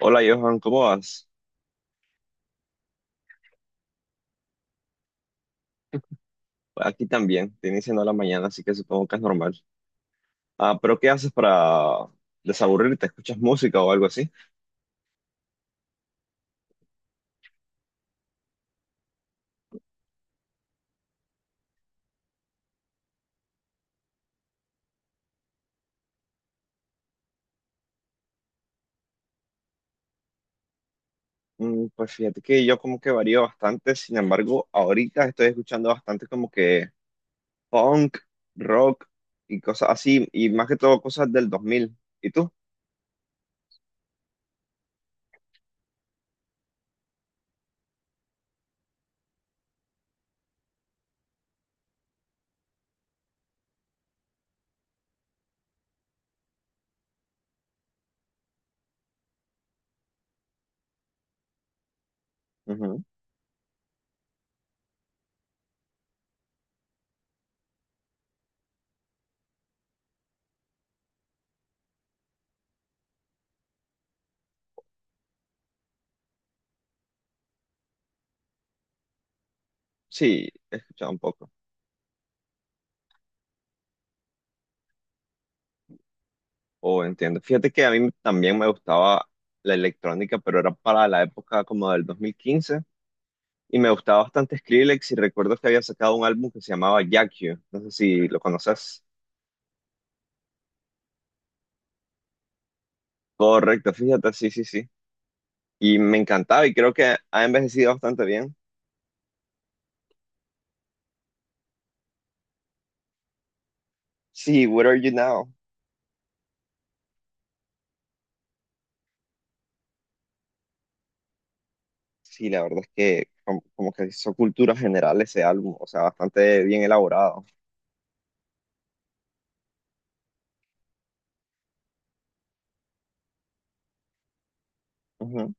Hola Johan, ¿cómo vas? Aquí también, te iniciando la mañana, así que supongo que es normal. Ah, pero ¿qué haces para desaburrirte? ¿Escuchas música o algo así? Pues fíjate que yo como que varío bastante, sin embargo, ahorita estoy escuchando bastante como que punk, rock y cosas así, y más que todo cosas del 2000. ¿Y tú? Ujú. Sí, he escuchado un poco. Oh, entiendo. Fíjate que a mí también me gustaba la electrónica, pero era para la época como del 2015. Y me gustaba bastante Skrillex y recuerdo que había sacado un álbum que se llamaba Jack You. No sé si lo conoces. Correcto, fíjate, sí, sí, sí. Y me encantaba y creo que ha envejecido bastante bien. Sí, Where Are You Now? Sí, la verdad es que como, como que hizo cultura general ese álbum, o sea, bastante bien elaborado. Ujú.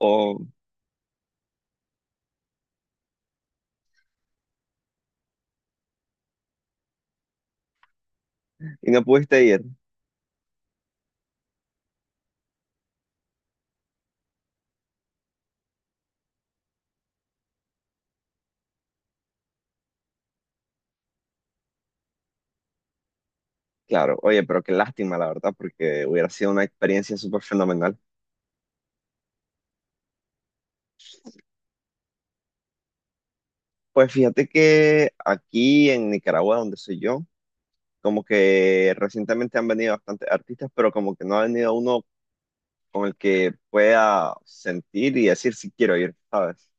O, y no pudiste ir, claro. Oye, pero qué lástima, la verdad, porque hubiera sido una experiencia súper fenomenal. Pues fíjate que aquí en Nicaragua, donde soy yo, como que recientemente han venido bastantes artistas, pero como que no ha venido uno con el que pueda sentir y decir si quiero ir, ¿sabes?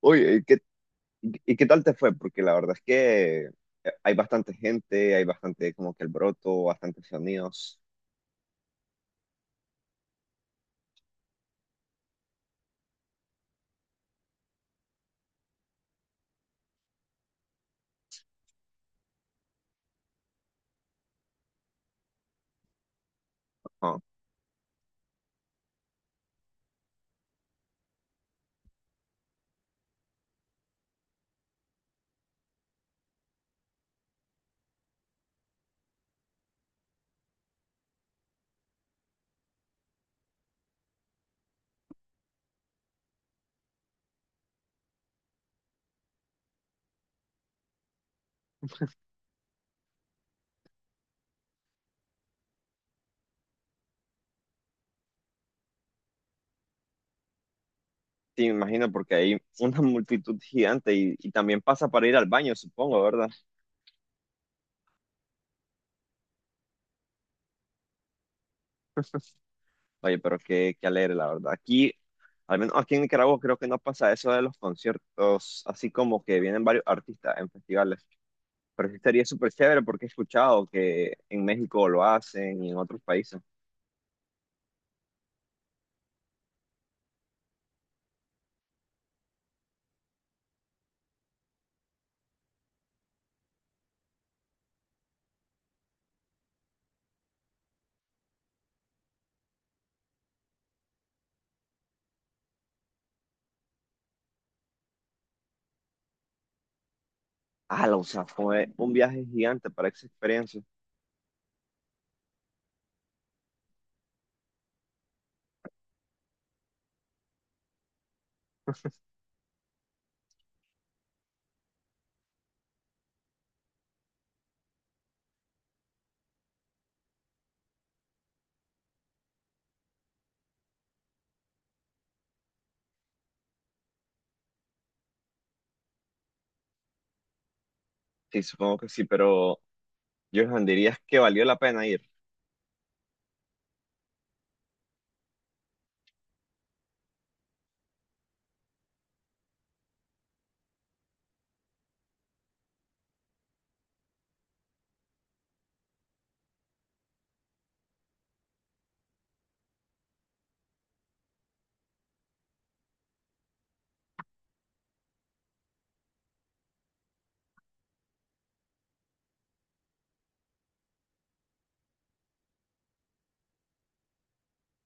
Uy, y qué tal te fue? Porque la verdad es que hay bastante gente, hay bastante como que el broto, bastantes sonidos. Ajá. Sí, me imagino porque hay una multitud gigante y también pasa para ir al baño, supongo, ¿verdad? Oye, pero qué, qué alegre, la verdad. Aquí, al menos aquí en Nicaragua, creo que no pasa eso de los conciertos, así como que vienen varios artistas en festivales. Pero sí estaría súper chévere porque he escuchado que en México lo hacen y en otros países. Ah, o sea, fue un viaje gigante para esa experiencia. Sí, supongo que sí, pero Johan, dirías que valió la pena ir.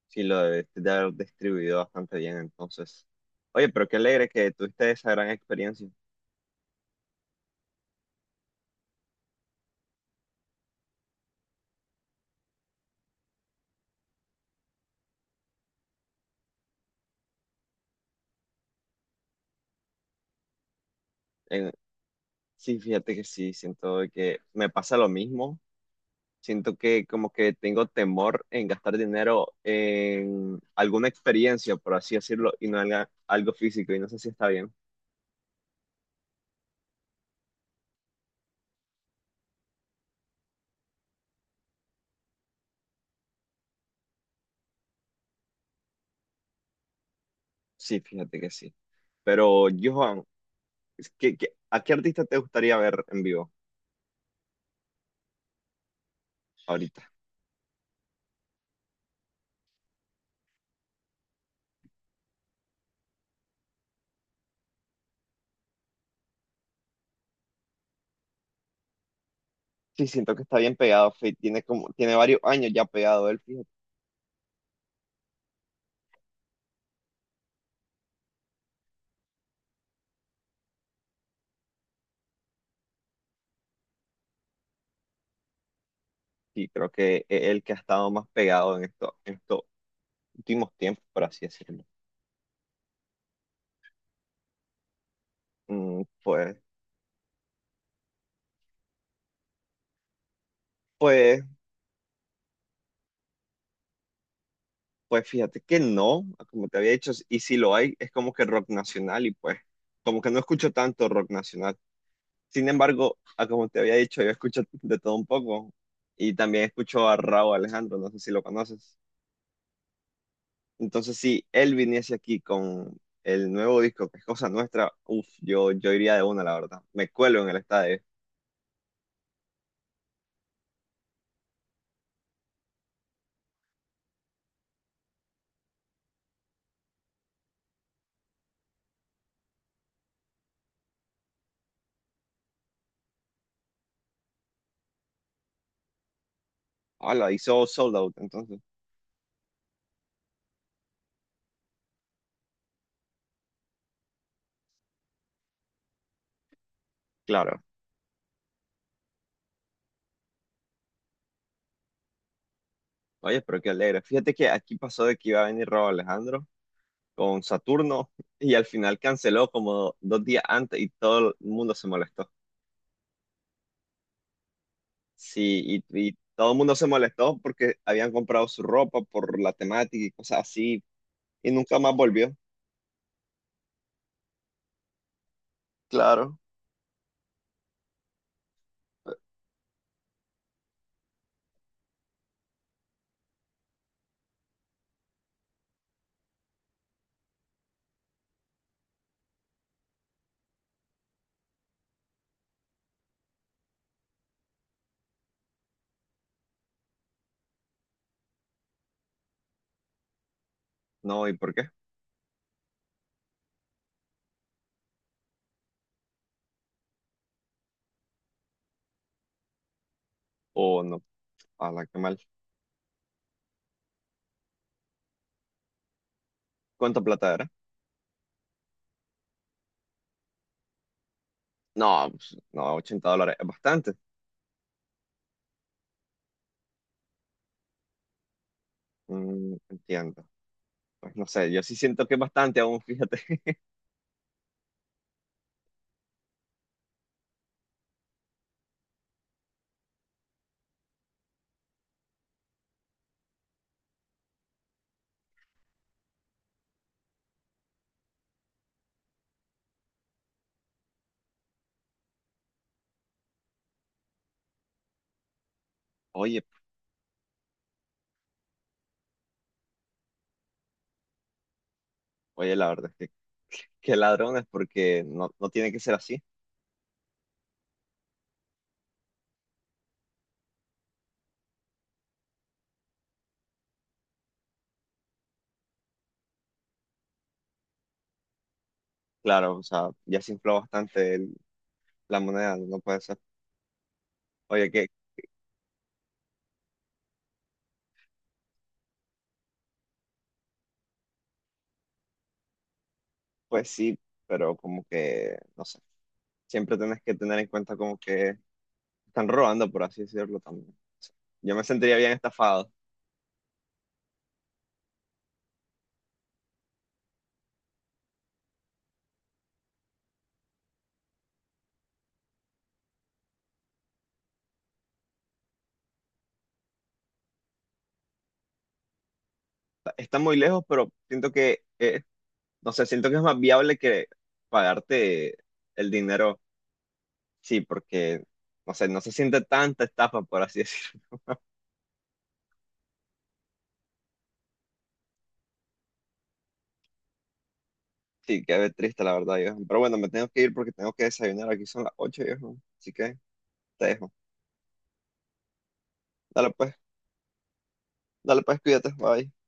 Sí, lo debiste de haber distribuido bastante bien, entonces. Oye, pero qué alegre que tuviste esa gran experiencia. En- sí, fíjate que sí, siento de que me pasa lo mismo. Siento que como que tengo temor en gastar dinero en alguna experiencia, por así decirlo, y no en algo físico, y no sé si está bien. Sí, fíjate que sí. Pero, Johan, ¿a qué artista te gustaría ver en vivo ahorita? Sí, siento que está bien pegado, Fate. Tiene como, tiene varios años ya pegado él, fíjate. Sí, creo que es el que ha estado más pegado en esto, en estos últimos tiempos, por así decirlo. Mm, pues, pues, pues fíjate que no, como te había dicho, y si lo hay, es como que rock nacional, y pues, como que no escucho tanto rock nacional. Sin embargo, a como te había dicho, yo escucho de todo un poco y también escucho a Raúl Alejandro, no sé si lo conoces. Entonces, si él viniese aquí con el nuevo disco, que es Cosa Nuestra, uff, yo iría de una, la verdad. Me cuelo en el estadio. Hola, hizo sold out, entonces, claro. Oye, pero qué alegre. Fíjate que aquí pasó de que iba a venir Raúl Alejandro con Saturno y al final canceló como dos días antes y todo el mundo se molestó. Sí, y todo el mundo se molestó porque habían comprado su ropa por la temática y cosas así, y nunca más volvió. Claro. No, ¿y por qué? O no, a la que mal. ¿Cuánta plata era? No, pues, no, $80, es bastante. Mm, entiendo. Pues no sé, yo sí siento que es bastante aún, fíjate. Oye, oye, la verdad es que qué ladrones, porque no, no tiene que ser así. Claro, o sea, ya se infló bastante la moneda, no puede ser. Oye, qué, pues sí, pero como que, no sé, siempre tenés que tener en cuenta como que están robando, por así decirlo también. O sea, yo me sentiría bien estafado. Está muy lejos, pero siento que, no sé, siento que es más viable que pagarte el dinero, sí, porque, no sé, no se siente tanta estafa, por así decirlo. Sí, qué triste, la verdad, viejo. Pero bueno, me tengo que ir porque tengo que desayunar. Aquí son las 8, viejo. Así que te dejo. Dale pues, dale pues, cuídate, bye.